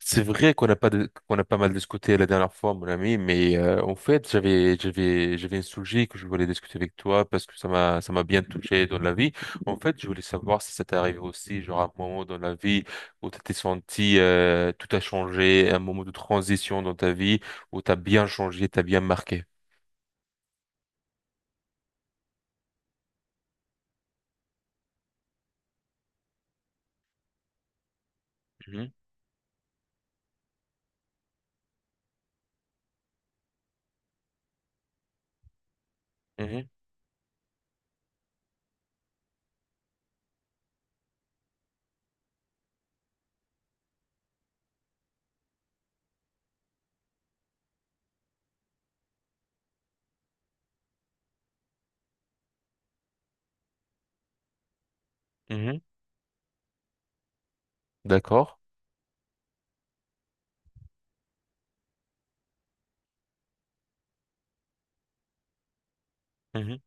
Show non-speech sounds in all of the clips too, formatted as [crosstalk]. C'est vrai qu'on a pas de- qu'on a pas mal discuté la dernière fois, mon ami, mais en fait, j'avais un sujet que je voulais discuter avec toi parce que ça m'a bien touché dans la vie. En fait, je voulais savoir si ça t'est arrivé aussi, genre un moment dans la vie où tu t'es senti tout a changé, un moment de transition dans ta vie où t'as bien changé, t'as bien marqué. Mhm, mhm, mhm. D'accord. Mhm,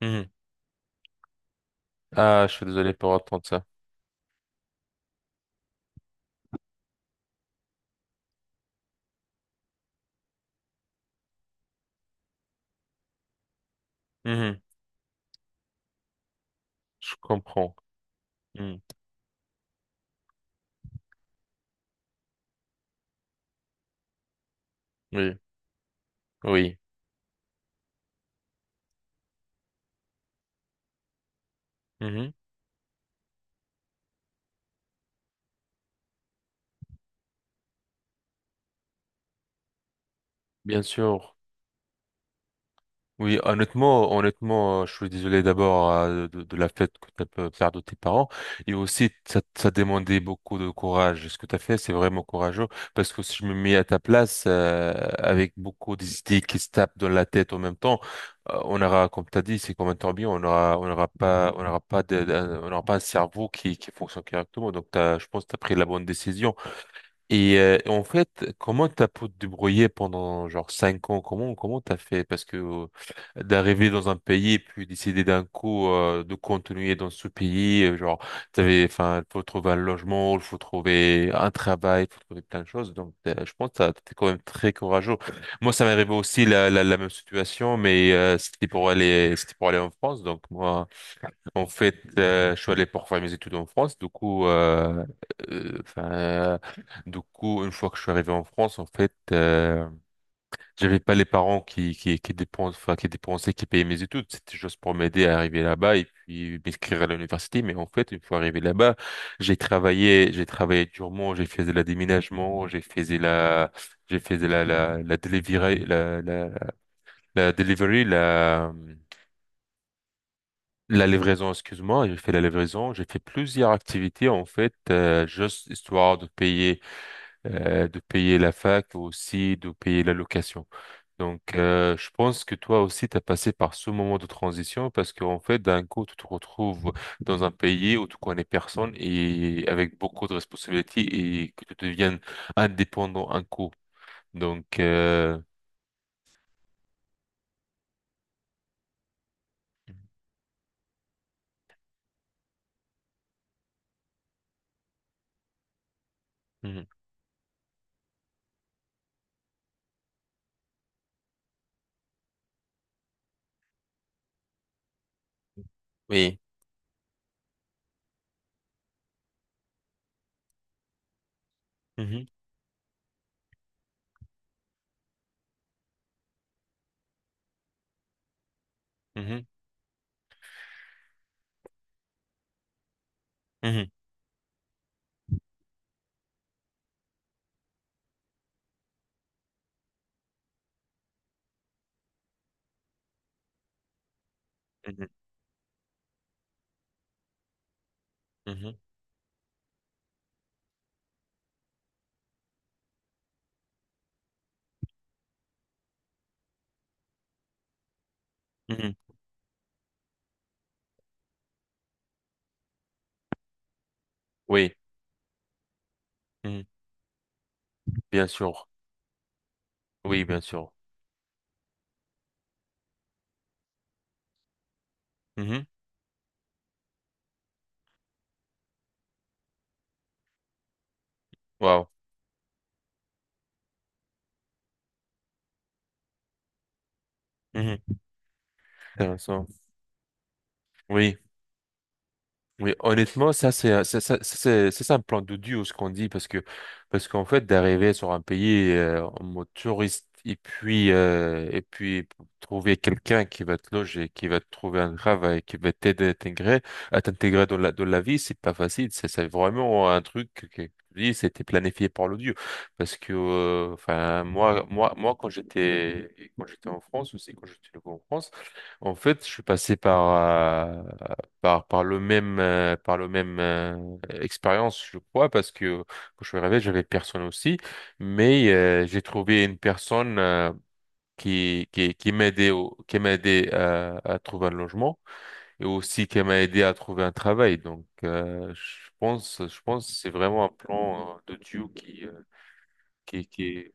mhm. Ah, je suis désolé pour entendre ça. Mhm, Je comprends. Mhm, Oui, oui. Mhm, Bien sûr. Oui, honnêtement, honnêtement, je suis désolé d'abord de la fête que tu as pu faire de tes parents. Et aussi, ça demandait beaucoup de courage. Ce que tu as fait, c'est vraiment courageux. Parce que si je me mets à ta place, avec beaucoup d'idées qui se tapent dans la tête en même temps, on aura, comme tu as dit, c'est comme un tourbillon, on aura pas de, on aura pas un cerveau qui fonctionne correctement. Donc, t'as, je pense que tu as pris la bonne décision. Et en fait, comment t'as pu te débrouiller pendant genre 5 ans? Comment t'as fait? Parce que d'arriver dans un pays et puis décider d'un coup de continuer dans ce pays, genre t'avais, enfin, faut trouver un logement, il faut trouver un travail, faut trouver plein de choses. Donc, je pense que t'es quand même très courageux. Moi, ça m'est arrivé aussi la, la, la même situation, mais c'était pour aller en France. Donc moi. En fait, je suis allé pour faire mes études en France. Du coup, enfin, du coup, une fois que je suis arrivé en France, en fait, j'avais pas les parents qui qui dépensent, enfin, qui dépensaient, qui payaient mes études. C'était juste pour m'aider à arriver là-bas et puis m'inscrire à l'université. Mais en fait, une fois arrivé là-bas, j'ai travaillé durement. J'ai fait de la déménagement, j'ai fait de la, j'ai fait de la delivery, la la delivery, la la livraison, excuse-moi, j'ai fait la livraison, j'ai fait plusieurs activités en fait, juste histoire de payer la fac aussi, de payer la location. Donc, je pense que toi aussi, tu as passé par ce moment de transition parce qu'en fait, d'un coup, tu te retrouves dans un pays où tu connais personne et avec beaucoup de responsabilités et que tu deviennes indépendant un coup. Donc, mhm. Oui. Mhm. Mhm. Mhm. Mhm. Mhm. Mhm. Oui. Bien sûr. Oui, bien sûr. Mhm. Wow. Mhm. Intéressant. Oui. Oui, honnêtement, ça c'est ça, ça, ça, c'est un plan d'odieux ce qu'on dit parce que parce qu'en fait d'arriver sur un pays en mode touriste et puis trouver quelqu'un qui va te loger, qui va te trouver un travail, qui va t'aider à t'intégrer dans la vie, c'est pas facile. C'est vraiment un truc que je dis, c'était planifié par l'odieux parce que enfin moi quand j'étais en France aussi quand j'étais en France en fait, je suis passé par, par par le même expérience je crois parce que quand je me réveille j'avais personne aussi mais j'ai trouvé une personne qui qui qui m'a aidé à trouver un logement et aussi qui m'a aidé à trouver un travail donc je pense que c'est vraiment un plan de Dieu qui est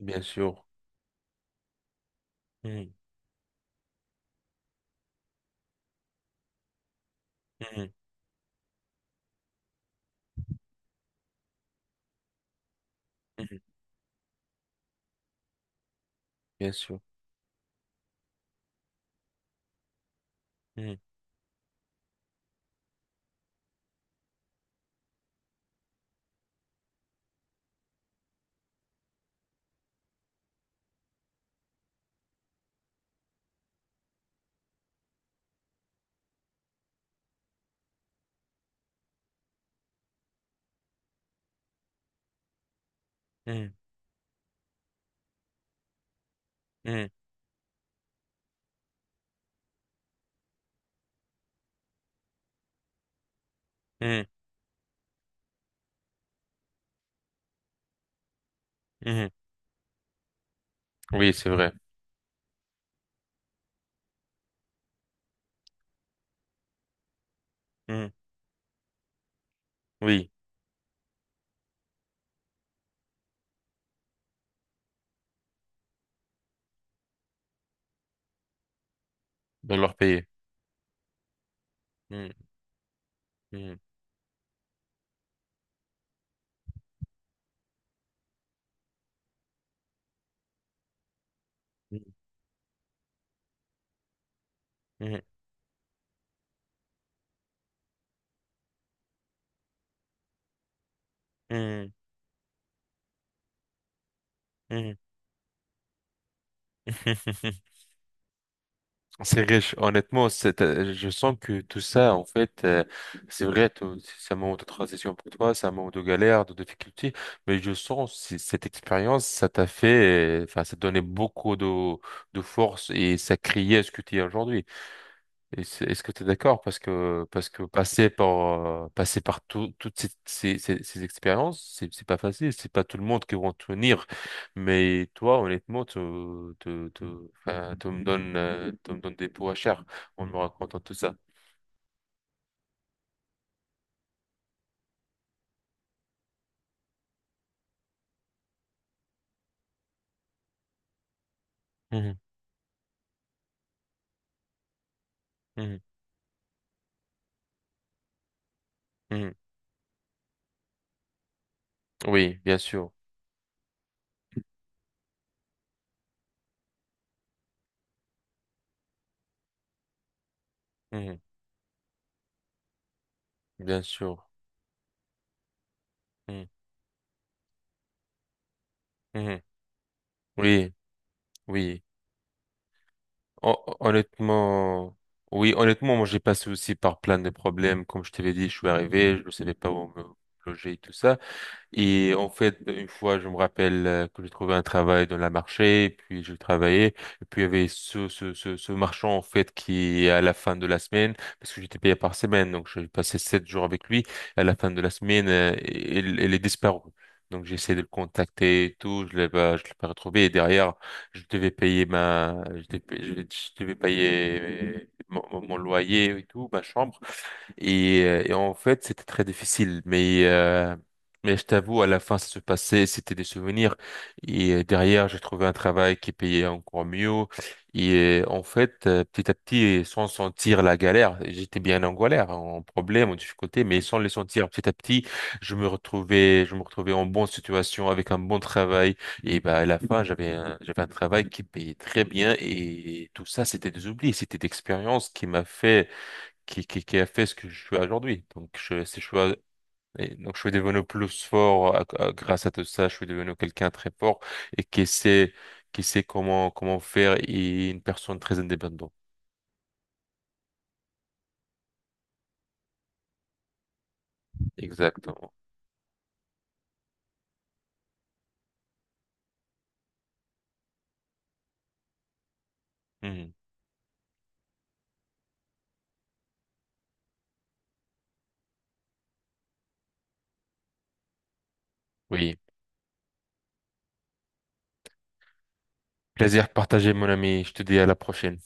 bien sûr. Mhm, mhm, mhm, bien sûr. Mhm, mhm, mhm, mhm, mhm. Oui c'est vrai. Mhm, oui de leur payer. Mm, mm, mm, mm, mm, mm. [laughs] C'est riche, honnêtement, c'est, je sens que tout ça, en fait, c'est vrai, c'est un moment de transition pour toi, c'est un moment de galère, de difficulté, mais je sens cette expérience, ça t'a fait, enfin, ça t'a donné beaucoup de force et ça créait ce que tu es aujourd'hui. Et Est-ce que tu es d'accord? Parce que passer par toutes ces, ces, ces, ces expériences, c'est pas facile. C'est pas tout le monde qui va en tenir. Mais toi, honnêtement, tu, enfin, tu me donnes des pots à chair en me racontant tout ça. Mhm, mhm, mhm. Oui, bien sûr. Mhm, bien sûr. Mhm, mhm. Oui, oui. Honnêtement, oui, honnêtement, moi j'ai passé aussi par plein de problèmes. Comme je t'avais dit, je suis arrivé, je ne savais pas où me loger et tout ça. Et en fait, une fois, je me rappelle que j'ai trouvé un travail dans la marché, et puis j'ai travaillé, et puis il y avait ce, ce, ce, ce marchand, en fait, qui, à la fin de la semaine, parce que j'étais payé par semaine, donc j'ai passé 7 jours avec lui, à la fin de la semaine, il est disparu. Donc j'ai essayé de le contacter et tout, je l'ai pas retrouvé, et derrière, je devais payer ma, je devais payer mon, mon loyer et tout, ma chambre. Et en fait, c'était très difficile. Mais je t'avoue, à la fin, ça se passait, c'était des souvenirs. Et derrière, j'ai trouvé un travail qui payait encore mieux. Et en fait, petit à petit, sans sentir la galère, j'étais bien en galère, en problème, en difficulté, mais sans les sentir petit à petit, je me retrouvais en bonne situation, avec un bon travail. Et bah, à la fin, j'avais un travail qui payait très bien. Et tout ça, c'était des oublis, c'était d'expérience qui m'a fait qui a fait ce que je suis aujourd'hui. Donc, je, si je suis, et donc, je suis devenu plus fort grâce à tout ça. Je suis devenu quelqu'un très fort et qui sait comment, comment faire et une personne très indépendante. Exactement. Mhm. Oui. Plaisir partagé, mon ami. Je te dis à la prochaine.